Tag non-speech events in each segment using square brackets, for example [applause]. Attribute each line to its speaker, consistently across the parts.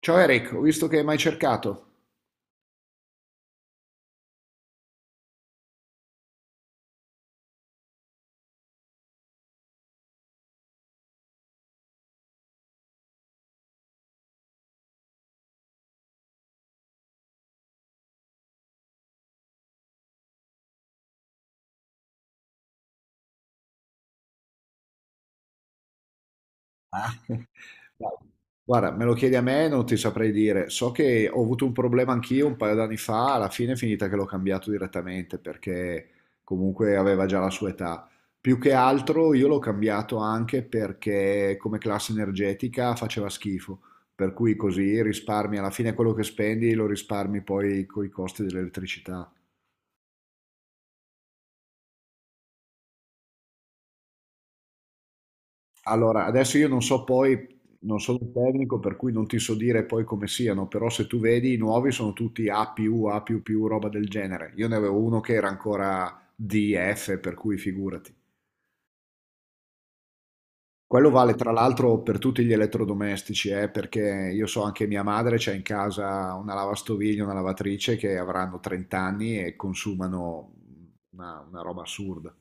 Speaker 1: Ciao Eric, ho visto che hai mai cercato. Ah, [laughs] Dai. Guarda, me lo chiedi a me, non ti saprei dire. So che ho avuto un problema anch'io un paio d'anni fa, alla fine è finita che l'ho cambiato direttamente perché comunque aveva già la sua età. Più che altro io l'ho cambiato anche perché come classe energetica faceva schifo, per cui così risparmi alla fine quello che spendi lo risparmi poi con i costi dell'elettricità. Allora, adesso io non so poi, non sono un tecnico, per cui non ti so dire poi come siano, però se tu vedi i nuovi sono tutti A+, più, A++, più più, roba del genere. Io ne avevo uno che era ancora DF, per cui figurati. Quello vale tra l'altro per tutti gli elettrodomestici, perché io so anche mia madre c'ha in casa una lavastoviglie, una lavatrice che avranno 30 anni e consumano una roba assurda.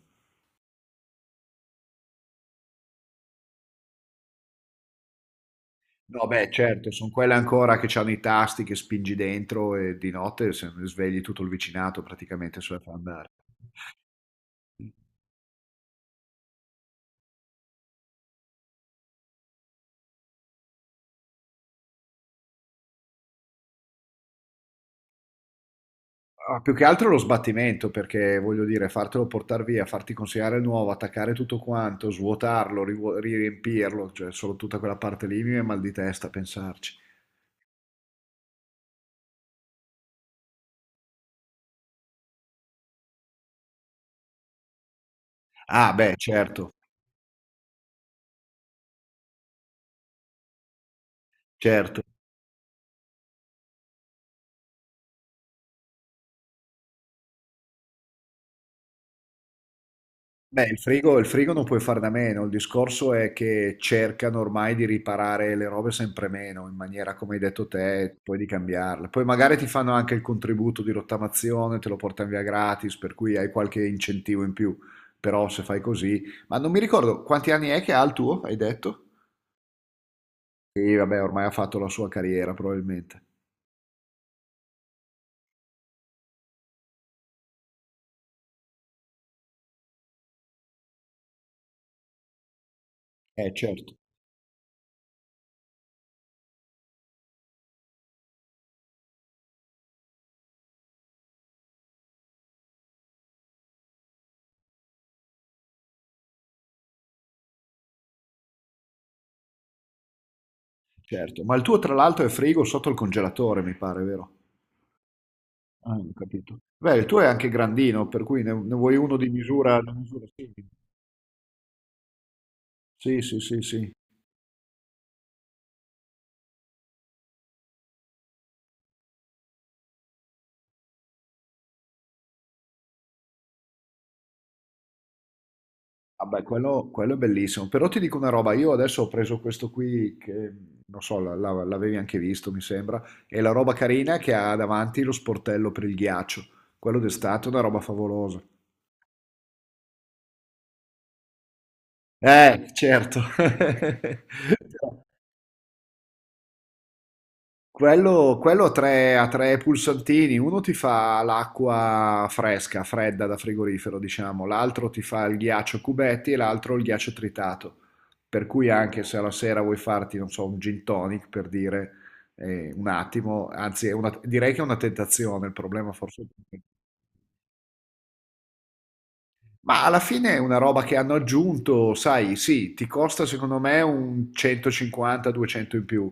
Speaker 1: No, beh, certo, sono quelle ancora che hanno i tasti che spingi dentro e di notte se ne svegli tutto il vicinato praticamente sulla fa andare. Ah, più che altro lo sbattimento, perché voglio dire, fartelo portare via, farti consegnare il nuovo, attaccare tutto quanto, svuotarlo, riempirlo, cioè solo tutta quella parte lì mi viene mal di testa a pensarci. Ah, beh, certo, certo. Beh, il frigo non puoi farne a meno, il discorso è che cercano ormai di riparare le robe sempre meno, in maniera, come hai detto te, poi di cambiarle. Poi magari ti fanno anche il contributo di rottamazione, te lo portano via gratis, per cui hai qualche incentivo in più, però se fai così... Ma non mi ricordo, quanti anni è che ha il tuo, hai detto? Sì, vabbè, ormai ha fatto la sua carriera, probabilmente. Certo, certo. Ma il tuo, tra l'altro, è frigo sotto il congelatore, mi pare, vero? Ah, ho capito. Beh, il tuo è anche grandino, per cui ne vuoi uno di misura simile. Sì, sì, sì, sì. Vabbè, quello è bellissimo. Però ti dico una roba, io adesso ho preso questo qui che, non so, l'avevi anche visto, mi sembra, è la roba carina che ha davanti lo sportello per il ghiaccio. Quello d'estate è una roba favolosa. Certo. [laughs] Quello ha tre pulsantini, uno ti fa l'acqua fresca, fredda da frigorifero, diciamo, l'altro ti fa il ghiaccio a cubetti e l'altro il ghiaccio tritato. Per cui anche se alla sera vuoi farti, non so, un gin tonic per dire un attimo, anzi direi che è una tentazione, il problema forse ma alla fine è una roba che hanno aggiunto, sai, sì, ti costa secondo me un 150-200 in più,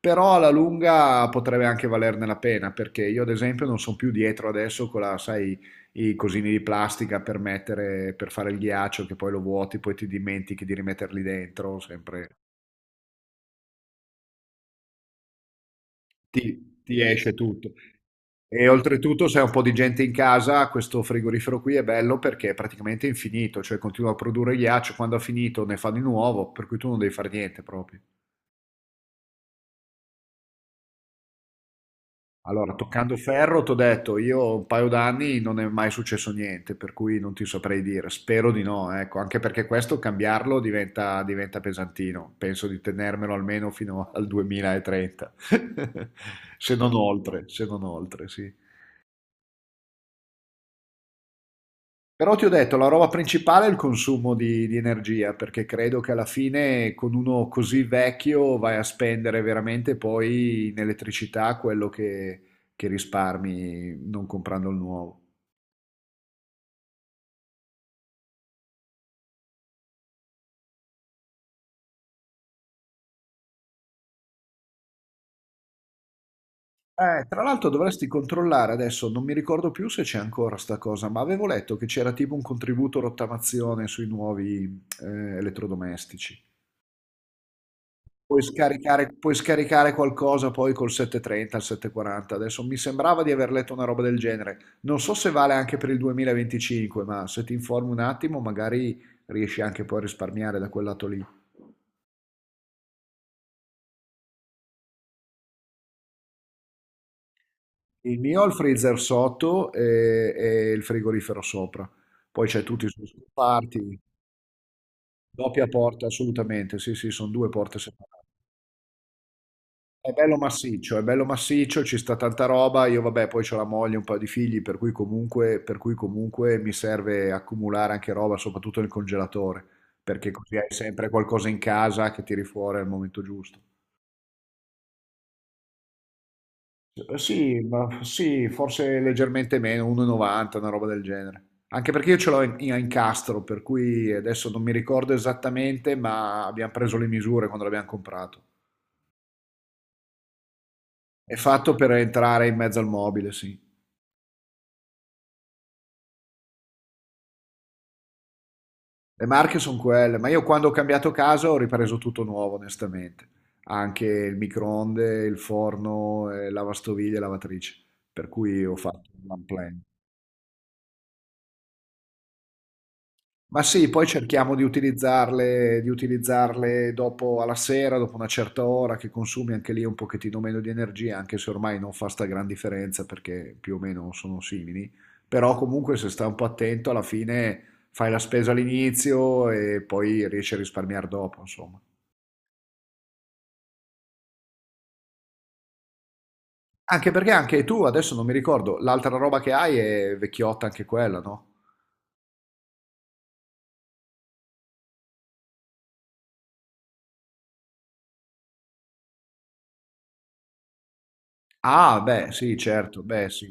Speaker 1: però alla lunga potrebbe anche valerne la pena, perché io ad esempio non sono più dietro adesso con la, sai, i cosini di plastica per mettere, per fare il ghiaccio, che poi lo vuoti, poi ti dimentichi di rimetterli dentro, sempre ti esce tutto. E oltretutto, se hai un po' di gente in casa, questo frigorifero qui è bello perché è praticamente infinito, cioè continua a produrre ghiaccio, quando ha finito ne fa di nuovo, per cui tu non devi fare niente proprio. Allora, toccando ferro, ti ho detto, io un paio d'anni non è mai successo niente, per cui non ti saprei dire, spero di no, ecco, anche perché questo cambiarlo diventa pesantino, penso di tenermelo almeno fino al 2030, [laughs] se non oltre, se non oltre, sì. Però ti ho detto, la roba principale è il consumo di energia, perché credo che alla fine con uno così vecchio vai a spendere veramente poi in elettricità quello che risparmi non comprando il nuovo. Tra l'altro dovresti controllare adesso, non mi ricordo più se c'è ancora sta cosa, ma avevo letto che c'era tipo un contributo rottamazione sui nuovi elettrodomestici. Puoi scaricare qualcosa poi col 730, il 740. Adesso mi sembrava di aver letto una roba del genere. Non so se vale anche per il 2025, ma se ti informi un attimo, magari riesci anche poi a risparmiare da quel lato lì. Il mio ha il freezer sotto e il frigorifero sopra. Poi c'è tutti i suoi scomparti, doppia porta, assolutamente. Sì, sì, sono due porte separate. È bello massiccio, ci sta tanta roba. Io vabbè, poi ho la moglie, un paio di figli, per cui comunque mi serve accumulare anche roba, soprattutto nel congelatore, perché così hai sempre qualcosa in casa che tiri fuori al momento giusto. Sì, ma sì, forse leggermente meno, 1,90, una roba del genere. Anche perché io ce l'ho in, a incastro, per cui adesso non mi ricordo esattamente, ma abbiamo preso le misure quando l'abbiamo comprato. È fatto per entrare in mezzo al mobile, sì. Le marche sono quelle, ma io quando ho cambiato casa ho ripreso tutto nuovo, onestamente. Anche il microonde, il forno, lavastoviglie e lavatrice. Per cui ho fatto un one plan. Ma sì, poi cerchiamo di utilizzarle dopo alla sera, dopo una certa ora, che consumi anche lì un pochettino meno di energia, anche se ormai non fa sta gran differenza perché più o meno sono simili. Però comunque se sta un po' attento, alla fine fai la spesa all'inizio e poi riesci a risparmiare dopo, insomma. Anche perché anche tu, adesso non mi ricordo, l'altra roba che hai è vecchiotta anche quella, no? Ah, beh, sì, certo, beh, sì.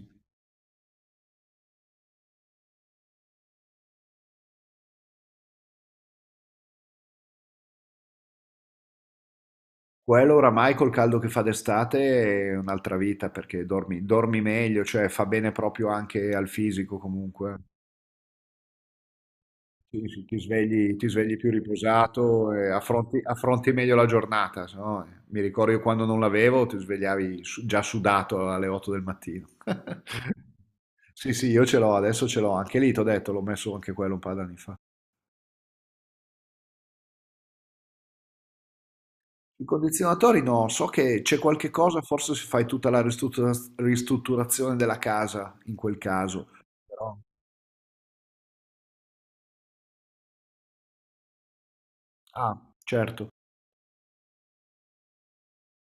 Speaker 1: Quello oramai col caldo che fa d'estate è un'altra vita perché dormi, dormi meglio, cioè fa bene proprio anche al fisico comunque. Sì, sì, ti svegli più riposato e affronti meglio la giornata, se no, mi ricordo io quando non l'avevo, ti svegliavi già sudato alle 8 del mattino. [laughs] Sì, sì, io ce l'ho, adesso ce l'ho, anche lì, ti ho detto, l'ho messo anche quello un paio d'anni fa. I condizionatori no, so che c'è qualche cosa, forse se fai tutta la ristrutturazione della casa in quel caso. Però, ah, certo.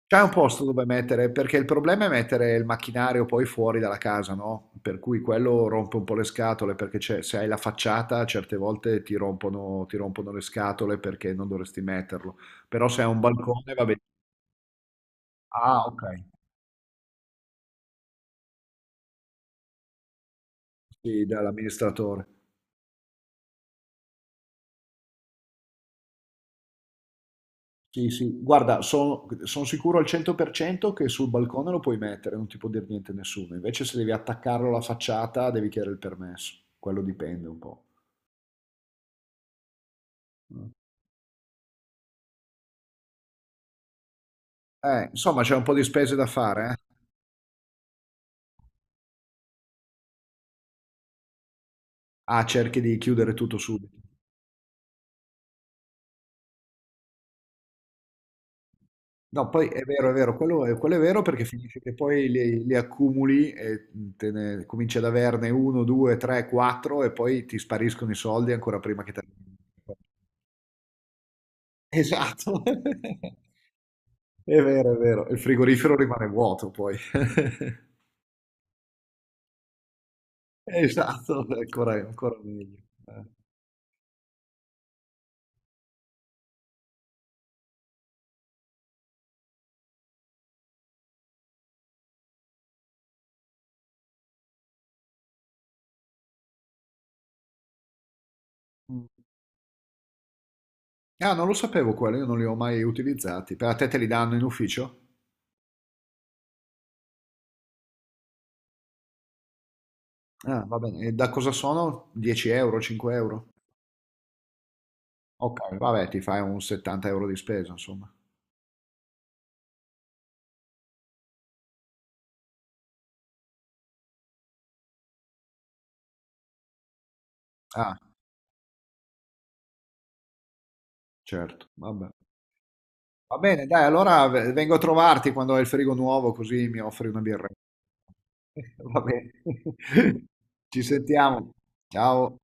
Speaker 1: C'è un posto dove mettere, perché il problema è mettere il macchinario poi fuori dalla casa, no? Per cui quello rompe un po' le scatole, perché se hai la facciata certe volte ti rompono le scatole perché non dovresti metterlo. Però se hai un balcone va bene. Ah, ok. Sì, dall'amministratore. Sì, sì, guarda, sono sicuro al 100% che sul balcone lo puoi mettere, non ti può dire niente nessuno. Invece se devi attaccarlo alla facciata, devi chiedere il permesso. Quello dipende un po'. Insomma, c'è un po' di spese da fare, eh? Ah, cerchi di chiudere tutto subito. No, poi è vero, quello è vero perché finisce che poi li accumuli e cominci ad averne uno, due, tre, quattro e poi ti spariscono i soldi ancora prima che te... Esatto. [laughs] È vero, è vero. Il frigorifero rimane vuoto poi. [laughs] Esatto, è ancora, ancora meglio. Eh. Mm. Ah, non lo sapevo quello, io non li ho mai utilizzati. Per a te te li danno in ufficio? Ah, va bene. E da cosa sono? 10 euro, 5 euro? Ok, vabbè, ti fai un 70 euro di spesa, insomma. Ah, certo, vabbè. Va bene, dai, allora vengo a trovarti quando hai il frigo nuovo, così mi offri una birra. [laughs] Va bene. [laughs] Ci sentiamo. Ciao.